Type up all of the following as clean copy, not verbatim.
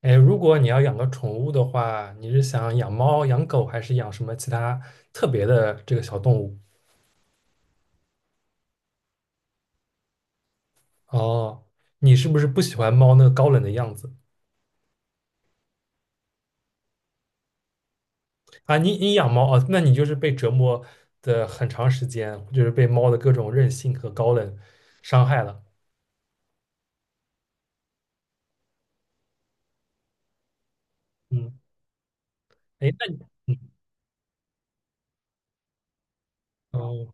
哎，如果你要养个宠物的话，你是想养猫、养狗，还是养什么其他特别的这个小动物？哦，你是不是不喜欢猫那个高冷的样子啊？你养猫啊，那你就是被折磨的很长时间，就是被猫的各种任性和高冷伤害了。嗯，哎，那你，嗯，哦。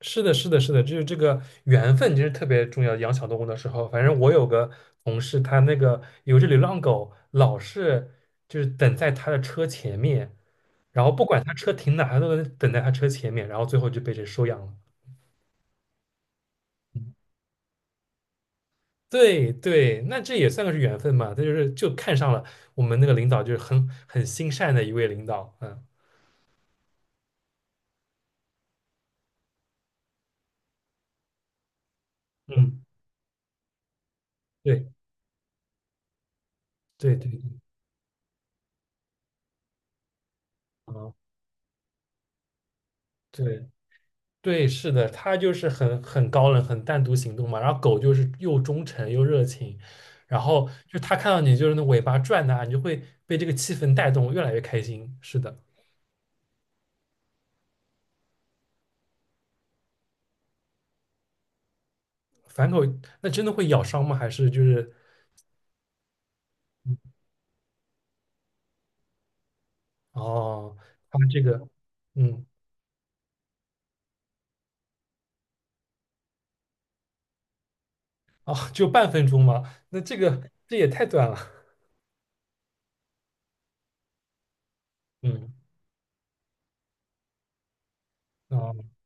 是的，是的，是的，就是这个缘分其实特别重要。养小动物的时候，反正我有个同事，他那个有一只流浪狗，老是就是等在他的车前面，然后不管他车停哪，他都能等在他车前面，然后最后就被谁收养了。嗯，对对，那这也算个是缘分嘛，他就看上了我们那个领导，就是很心善的一位领导。嗯嗯，对对对，啊，哦，对。对，是的，它就是很高冷、很单独行动嘛。然后狗就是又忠诚又热情，然后就它看到你就是那尾巴转呐，你就会被这个气氛带动，越来越开心。是的，反狗那真的会咬伤吗？还是就是哦，它这个，嗯，哦，就半分钟吗？那这也太短了。嗯，哦，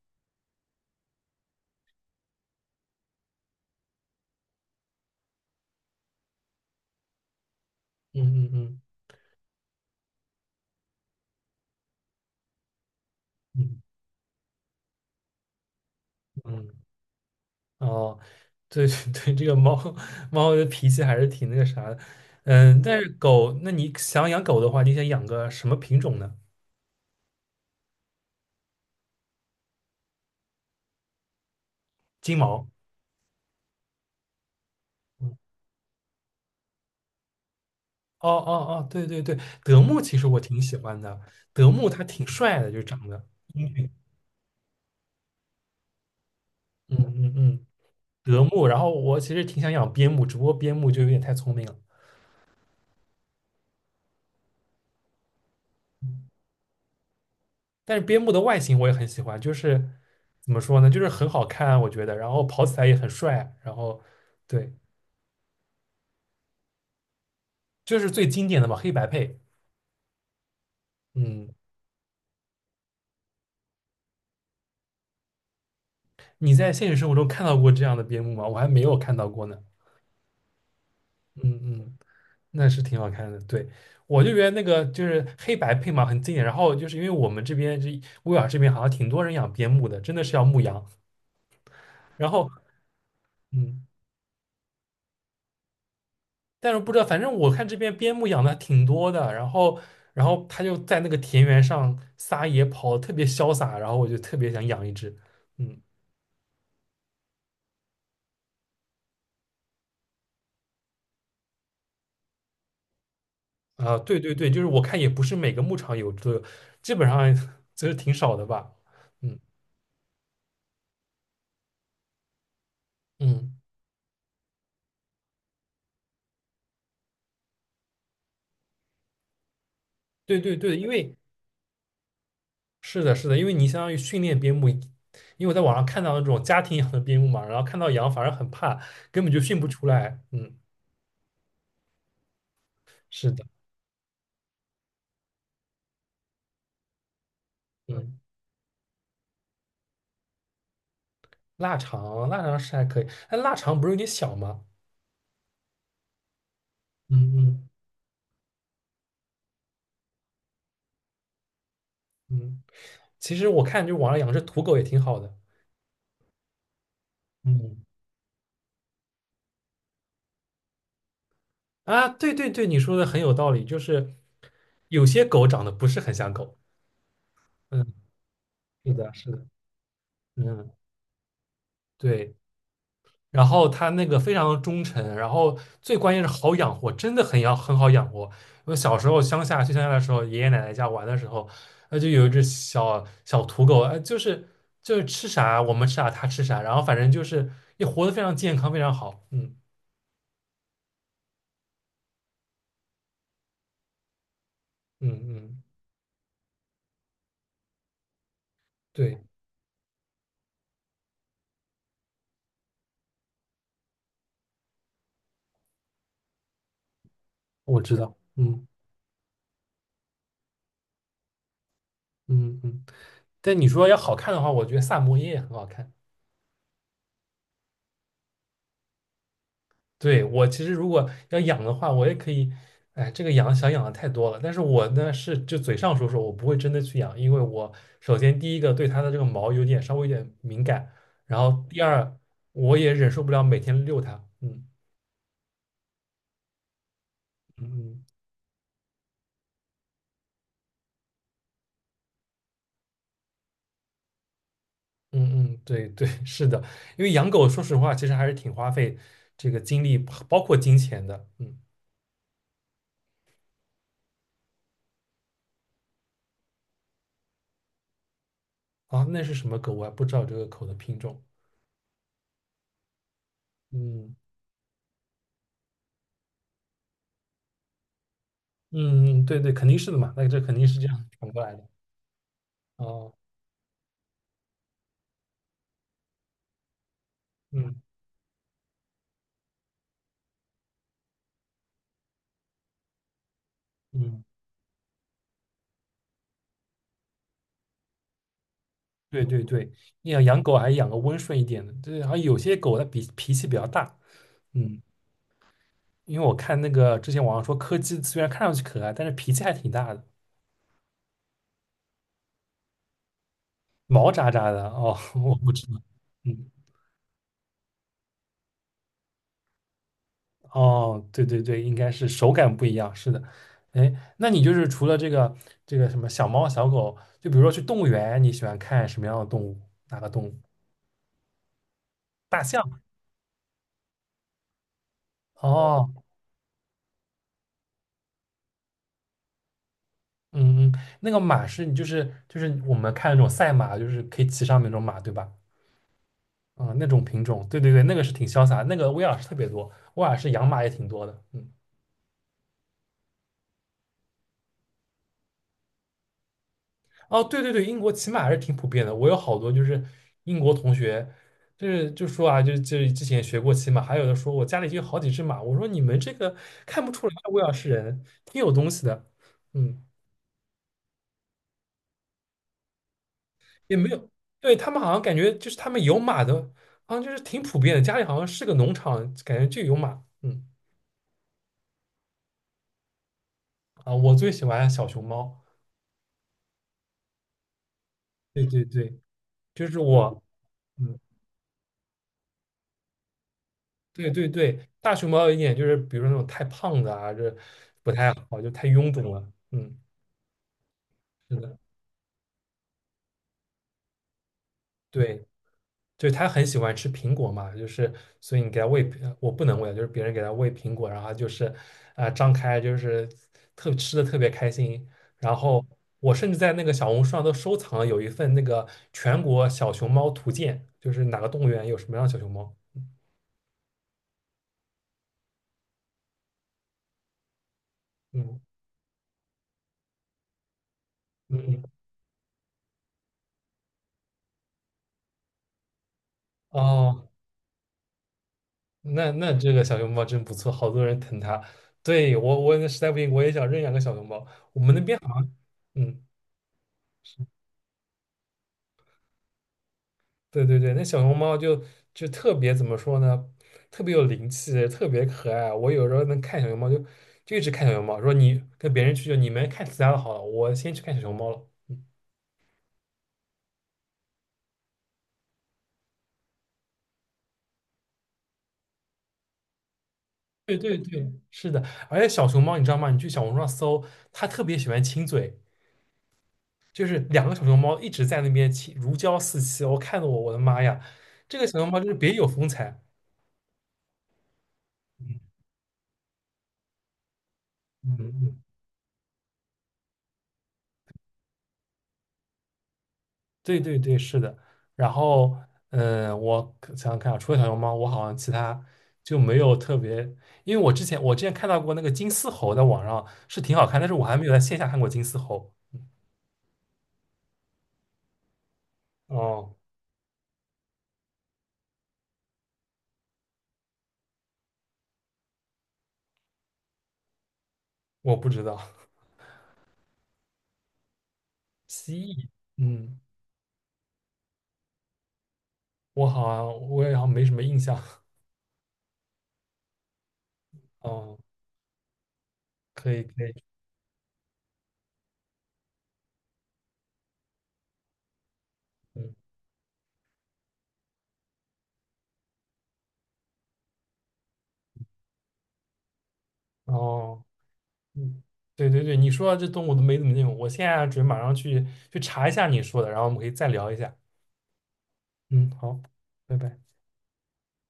嗯嗯嗯嗯嗯。哦，对对 对，这个猫的脾气还是挺那个啥的。嗯，但是狗，那你想养狗的话，你想养个什么品种呢？金毛。嗯，哦哦哦，对对对，德牧其实我挺喜欢的，德牧它挺帅的，就长得英俊。嗯嗯嗯，德牧。然后我其实挺想养边牧，只不过边牧就有点太聪明了。但是边牧的外形我也很喜欢，就是怎么说呢，就是很好看啊，我觉得。然后跑起来也很帅啊。然后对，就是最经典的嘛，黑白配。嗯，你在现实生活中看到过这样的边牧吗？我还没有看到过呢。嗯嗯，那是挺好看的。对，我就觉得那个就是黑白配嘛，很经典。然后就是因为我们这边这威尔这边好像挺多人养边牧的，真的是要牧羊。然后嗯，但是不知道，反正我看这边边牧养的挺多的。然后他就在那个田园上撒野跑，特别潇洒。然后我就特别想养一只。嗯。啊，对对对，就是我看也不是每个牧场有这，个，基本上 其是挺少的吧。嗯嗯，对对对，因为是的，是的，因为你相当于训练边牧，因为我在网上看到那种家庭养的边牧嘛，然后看到羊反而很怕，根本就训不出来。嗯，是的，嗯，腊肠是还可以，但腊肠不是有点小吗？嗯嗯嗯，其实我看就网上养只土狗也挺好的。嗯，啊，对对对，你说的很有道理，就是有些狗长得不是很像狗。嗯。是的，是的，嗯，对。然后他那个非常忠诚，然后最关键是好养活，真的很好养活。我小时候去乡下的时候，爷爷奶奶家玩的时候，那就有一只小小土狗，哎，就是吃啥我们吃啥它吃啥，然后反正就是也活得非常健康，非常好。嗯嗯嗯，对，我知道。嗯嗯嗯。但你说要好看的话，我觉得萨摩耶也很好看。对，我其实如果要养的话，我也可以，哎，这个养想养的太多了。但是我呢是就嘴上说说，我不会真的去养，因为我首先第一个对它的这个毛稍微有点敏感，然后第二我也忍受不了每天遛它。嗯嗯嗯嗯嗯，对对，是的，因为养狗说实话其实还是挺花费这个精力，包括金钱的。嗯，啊，那是什么狗我还不知道这个狗的品种。嗯嗯嗯，对对，肯定是的嘛，那这肯定是这样传过来的。哦。嗯。嗯，对对对，你想养狗还是养个温顺一点的。对，好像有些狗它脾气比较大。嗯，因为我看那个之前网上说柯基虽然看上去可爱，但是脾气还挺大的。毛扎扎的，哦，我不知道。嗯，哦，对对对，应该是手感不一样，是的。哎，那你就是除了这个什么小猫小狗，就比如说去动物园，你喜欢看什么样的动物？哪个动物？大象？哦，嗯，嗯，那个马是你就是我们看那种赛马，就是可以骑上面那种马，对吧？嗯，那种品种，对对对，那个是挺潇洒，那个威尔士特别多，威尔士养马也挺多的。嗯，哦，对对对，英国骑马还是挺普遍的，我有好多就是英国同学，就是就说啊，就之前学过骑马，还有的说我家里就有好几只马，我说你们这个看不出来啊威尔士人，挺有东西的。嗯。也没有。对，他们好像感觉就是他们有马的，好像就是挺普遍的，家里好像是个农场，感觉就有马。嗯，啊，我最喜欢小熊猫。对对对，就是我，嗯，对对对，大熊猫有一点就是，比如说那种太胖的啊，这不太好，就太臃肿了。嗯，是的，对。就是他很喜欢吃苹果嘛，就是所以你给他喂，我不能喂，就是别人给他喂苹果，然后他就是啊、张开，就是吃的特别开心。然后我甚至在那个小红书上都收藏了有一份那个全国小熊猫图鉴，就是哪个动物园有什么样的小熊猫。嗯嗯嗯，哦，那这个小熊猫真不错，好多人疼它。对，我实在不行我也想认养个小熊猫，我们那边好，嗯。对对对，那小熊猫就特别怎么说呢？特别有灵气，特别可爱。我有时候能看小熊猫就一直看小熊猫，说你跟别人去，就你们看其他的好了，我先去看小熊猫了。嗯，对对对，是的。而且小熊猫你知道吗？你去小红书上搜，它特别喜欢亲嘴，就是两个小熊猫一直在那边亲，如胶似漆。我看得我的妈呀，这个小熊猫就是别有风采。嗯嗯嗯。对对对，是的。然后，嗯，我可想想看啊，除了小熊猫，我好像其他就没有特别，因为我之前看到过那个金丝猴，在网上是挺好看，但是我还没有在线下看过金丝猴。哦，我不知道。蜥蜴，嗯，我也好像没什么印象。哦，可以可以，嗯，哦，嗯，对对对，你说到这动物都没怎么见过，我现在准备马上去查一下你说的，然后我们可以再聊一下。嗯，好，拜拜。